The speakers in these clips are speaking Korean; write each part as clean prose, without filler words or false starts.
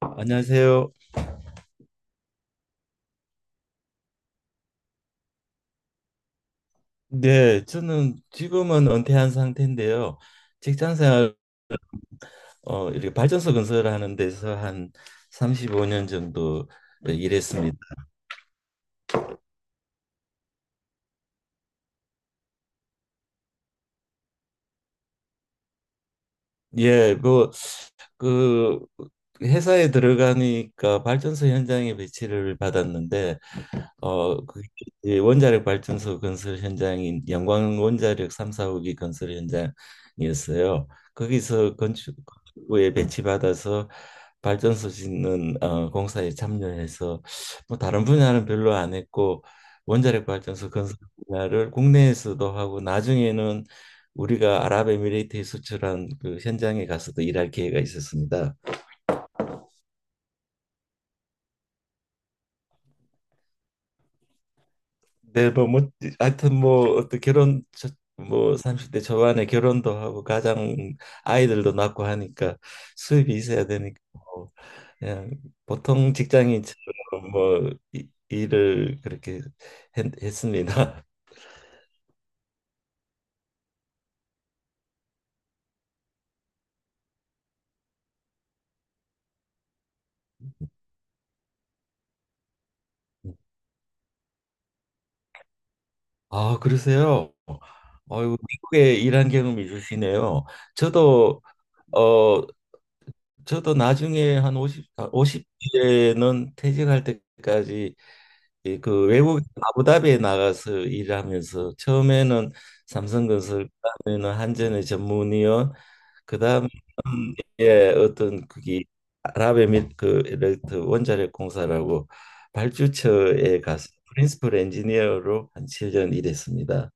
안녕하세요. 네, 저는 지금은 은퇴한 상태인데요. 직장 생활 이렇게 발전소 건설하는 데서 한 35년 정도 일했습니다. 예, 뭐 그 회사에 들어가니까 발전소 현장에 배치를 받았는데 그 이제 원자력 발전소 건설 현장인 영광 원자력 3, 4호기 건설 현장이었어요. 거기서 건축부에 배치받아서 발전소 짓는 공사에 참여해서 뭐 다른 분야는 별로 안 했고 원자력 발전소 건설 분야를 국내에서도 하고 나중에는 우리가 아랍에미레이트에 수출한 그 현장에 가서도 일할 기회가 있었습니다. 네, 뭐 하여튼 뭐 어떤 뭐 30대 초반에 결혼도 하고 가장 아이들도 낳고 하니까 수입이 있어야 되니까 뭐 그냥 보통 직장인처럼 뭐 일을 그렇게 했습니다. 아, 그러세요? 어유 미국에 일한 경험이 있으시네요. 저도 어 저도 나중에 한 오십 50대는 퇴직할 때까지 이 그 외국 아부다비에 나가서 일하면서 처음에는 삼성건설, 그다음에는 한전의 전문위원, 그다음에 예, 어떤 그게 아랍에미레이트 원자력 공사라고 발주처에 가서 프린시플 엔지니어로 한 7년 일했습니다.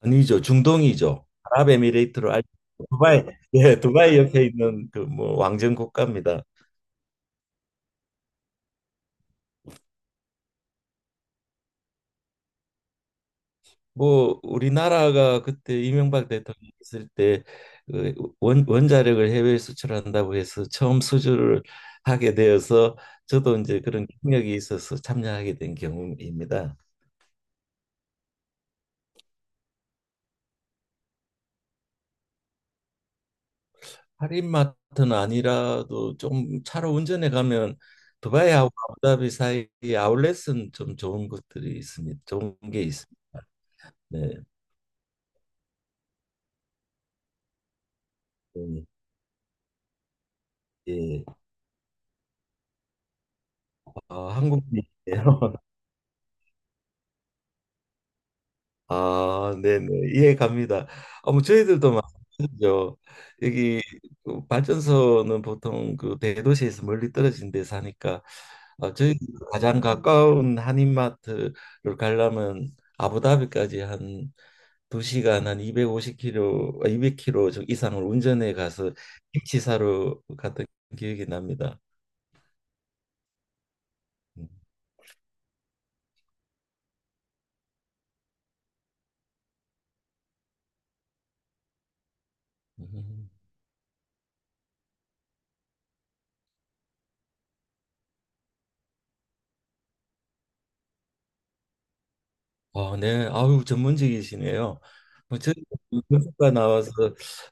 아니죠, 중동이죠. 아랍에미레이트로 알 두바이, 예, 두바이 옆에 있는 그 뭐 왕정 국가입니다. 뭐 우리나라가 그때 이명박 대통령 있을 때 그 원자력을 해외에 수출한다고 해서 처음 수주를 하게 되어서 저도 이제 그런 경력이 있어서 참여하게 된 경우입니다. 할인마트는 아니라도 좀 차로 운전해 가면 두바이하고 아부다비 사이에 아울렛은 좀 좋은 것들이 있습니다. 좋은 게 있습니다. 네. 네. 예. 아, 한국이에요. 아, 네네. 이해 갑니다. 뭐 저희들도 마찬가지죠. 여기 그 발전소는 보통 그 대도시에서 멀리 떨어진 데 사니까 아, 저희 가장 가까운 한인마트를 가려면 아부다비까지 한 두시간한 250km, 아, 200km 이상을 운전해 가서 김치 사러 갔던 기억이 납니다. 음. 아, 네. 아유, 전문직이시네요. 뭐 저희 건설과 나와서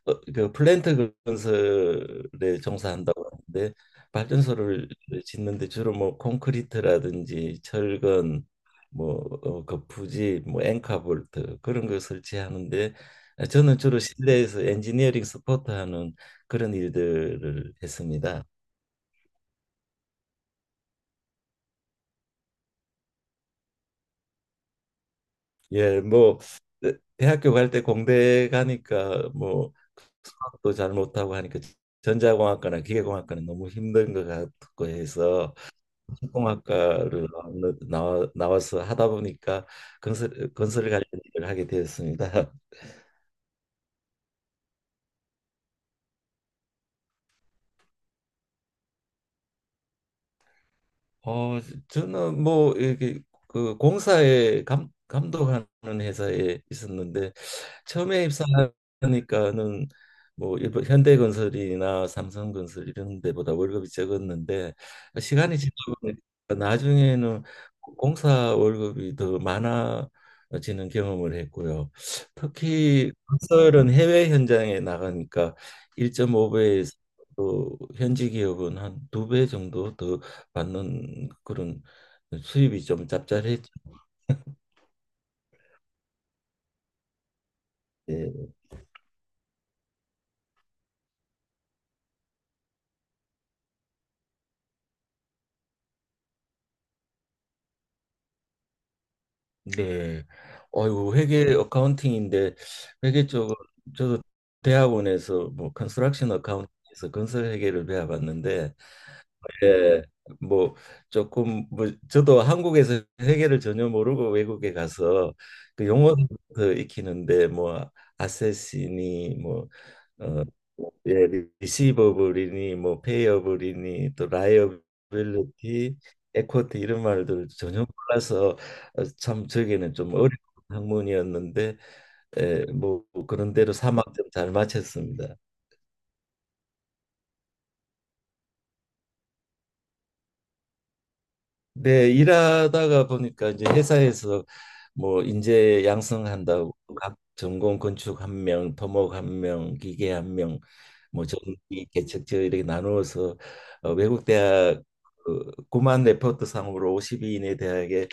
그 플랜트 건설에 종사한다고 하는데 발전소를 짓는데 주로 뭐 콘크리트라든지 철근, 뭐 거푸집, 뭐 앵카볼트 그런 걸 설치하는데 저는 주로 실내에서 엔지니어링 서포트하는 그런 일들을 했습니다. 예, 뭐 대학교 갈 때 공대 가니까 뭐 수학도 잘 못하고 하니까 전자공학과나 기계공학과는 너무 힘든 것 같고 해서 공학과를 나와서 하다 보니까 건설 관련 일을 하게 되었습니다. 어, 저는 뭐 이렇게 그 공사에 감독하는 회사에 있었는데 처음에 입사하니까는 뭐 일본 현대건설이나 삼성건설 이런 데보다 월급이 적었는데 시간이 지나보니 나중에는 공사 월급이 더 많아지는 경험을 했고요. 특히 건설은 해외 현장에 나가니까 1.5배에서 또 현지 기업은 한 두 배 정도 더 받는 그런 수입이 좀 짭짤했지. 네. 어유 회계 어카운팅인데 회계 쪽은 저도 대학원에서 뭐 컨스트럭션 어카운팅에서 건설 회계를 배워봤는데 예, 뭐 조금 뭐 저도 한국에서 회계를 전혀 모르고 외국에 가서 그 용어부터 익히는데 뭐 아세시니 뭐 어, 예, 리시버블이니 뭐 페이어블이니 또 라이어빌리티, 에쿼티 이런 말들 전혀 몰라서 참 저에게는 좀 어려운 학문이었는데 예, 뭐 그런 대로 3학점 잘 마쳤습니다. 네, 일하다가 보니까 이제 회사에서 뭐 인재 양성한다고 각 전공 건축 한 명, 토목 한 명, 기계 한 명, 뭐 전기 개척저 이렇게 나누어서 외국 대학 그 구만 레포트 상으로 5 2위 이내 대학에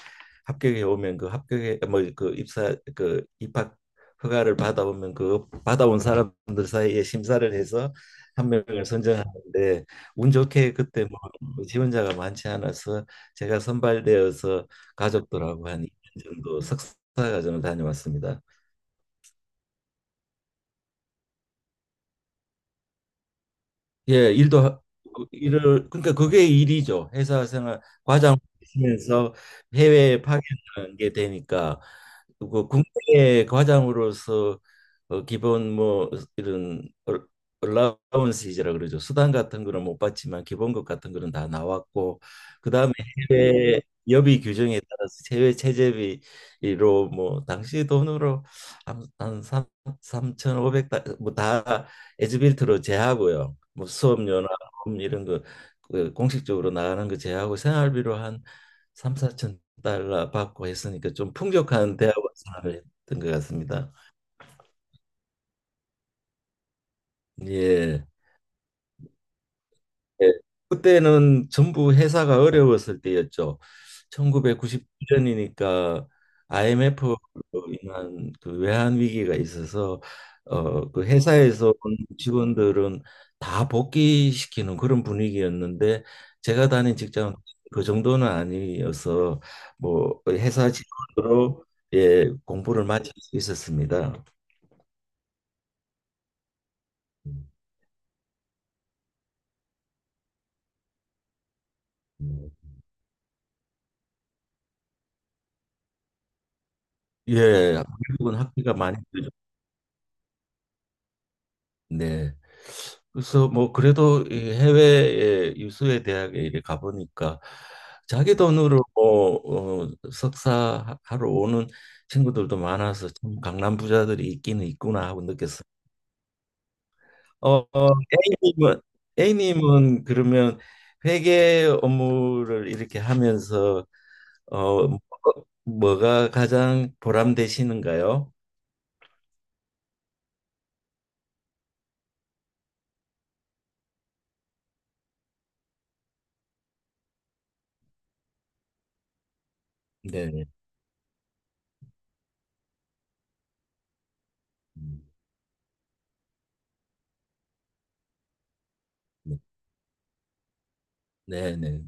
합격해 오면 그 합격해 뭐그 입사 그 입학 허가를 받아오면 그 받아온 사람들 사이에 심사를 해서 한 명을 선정하는데 운 좋게 그때 뭐 지원자가 많지 않아서 제가 선발되어서 가족들하고 한 그 정도 석사 과정을 다녀왔습니다. 예, 일을 그러니까 그게 일이죠. 회사 생활 과장 하시면서 해외에 파견하는 게 되니까 그 국내 과장으로서 기본 뭐 이런 얼라운스이라 그러죠. 수당 같은 거는 못 받지만 기본급 같은 거는 다 나왔고 그다음에 해외 여비 규정에 따라서 해외 체제비로 뭐 당시 돈으로 한 3, 삼5 오백 달러 뭐다 에즈빌트로 제하고요. 뭐 수업료나 이런 거그 공식적으로 나가는 거 제하고 생활비로 한 3, 4천 달러 받고 했으니까 좀 풍족한 대학원 생활을 했던 것 같습니다. 예. 예. 그때는 전부 회사가 어려웠을 때였죠. 1999년이니까 IMF로 인한 그 외환 위기가 있어서 그 회사에서 온 직원들은 다 복귀시키는 그런 분위기였는데 제가 다닌 직장은 그 정도는 아니어서 뭐 회사 직원으로 예, 공부를 마칠 수 있었습니다. 예, 미국은 학비가 많이 네. 그래서 뭐 그래도 이 해외에 유수의 대학에 이렇게 가보니까 자기 돈으로 뭐 석사하러 오는 친구들도 많아서 참 강남 부자들이 있기는 있구나 하고 느꼈어요. 어, 어, A님은 A님은 그러면 회계 업무를 이렇게 하면서 어 뭐- 뭐가 가장 보람되시는가요? 네. 네, 네. 네.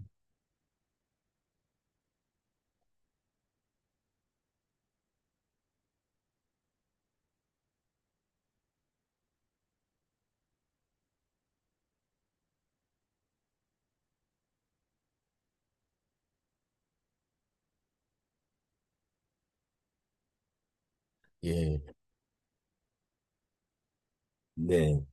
예. 네.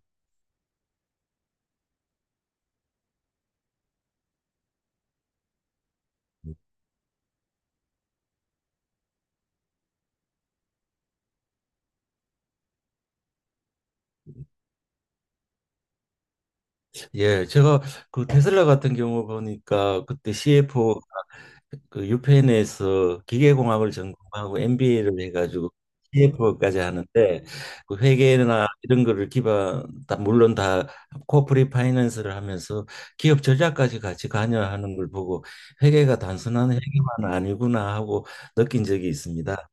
예, 제가 그 테슬라 같은 경우 보니까 그때 CFO 그 유펜에서 기계공학을 전공하고 MBA를 해가지고 CFO까지 하는데 그 회계나 이런 거를 기반 다 물론 다 코퍼리 파이낸스를 하면서 기업 전략까지 같이 관여하는 걸 보고 회계가 단순한 회계만 아니구나 하고 느낀 적이 있습니다.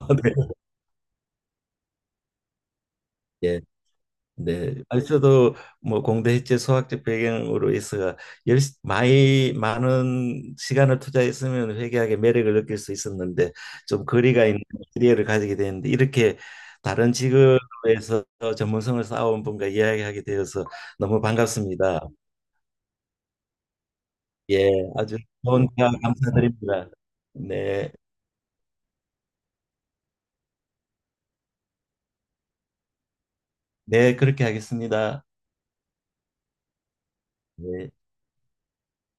네. 예. 네, 아니 저도 뭐 공대 해체 수학적 배경으로 해서 열 많이 많은 시간을 투자했으면 회계학의 매력을 느낄 수 있었는데 좀 거리가 있는 캐리어를 가지게 되는데 이렇게 다른 직업에서 전문성을 쌓아온 분과 이야기하게 되어서 너무 반갑습니다. 예, 아주 좋은 대화 감사드립니다. 네, 네 그렇게 하겠습니다. 네.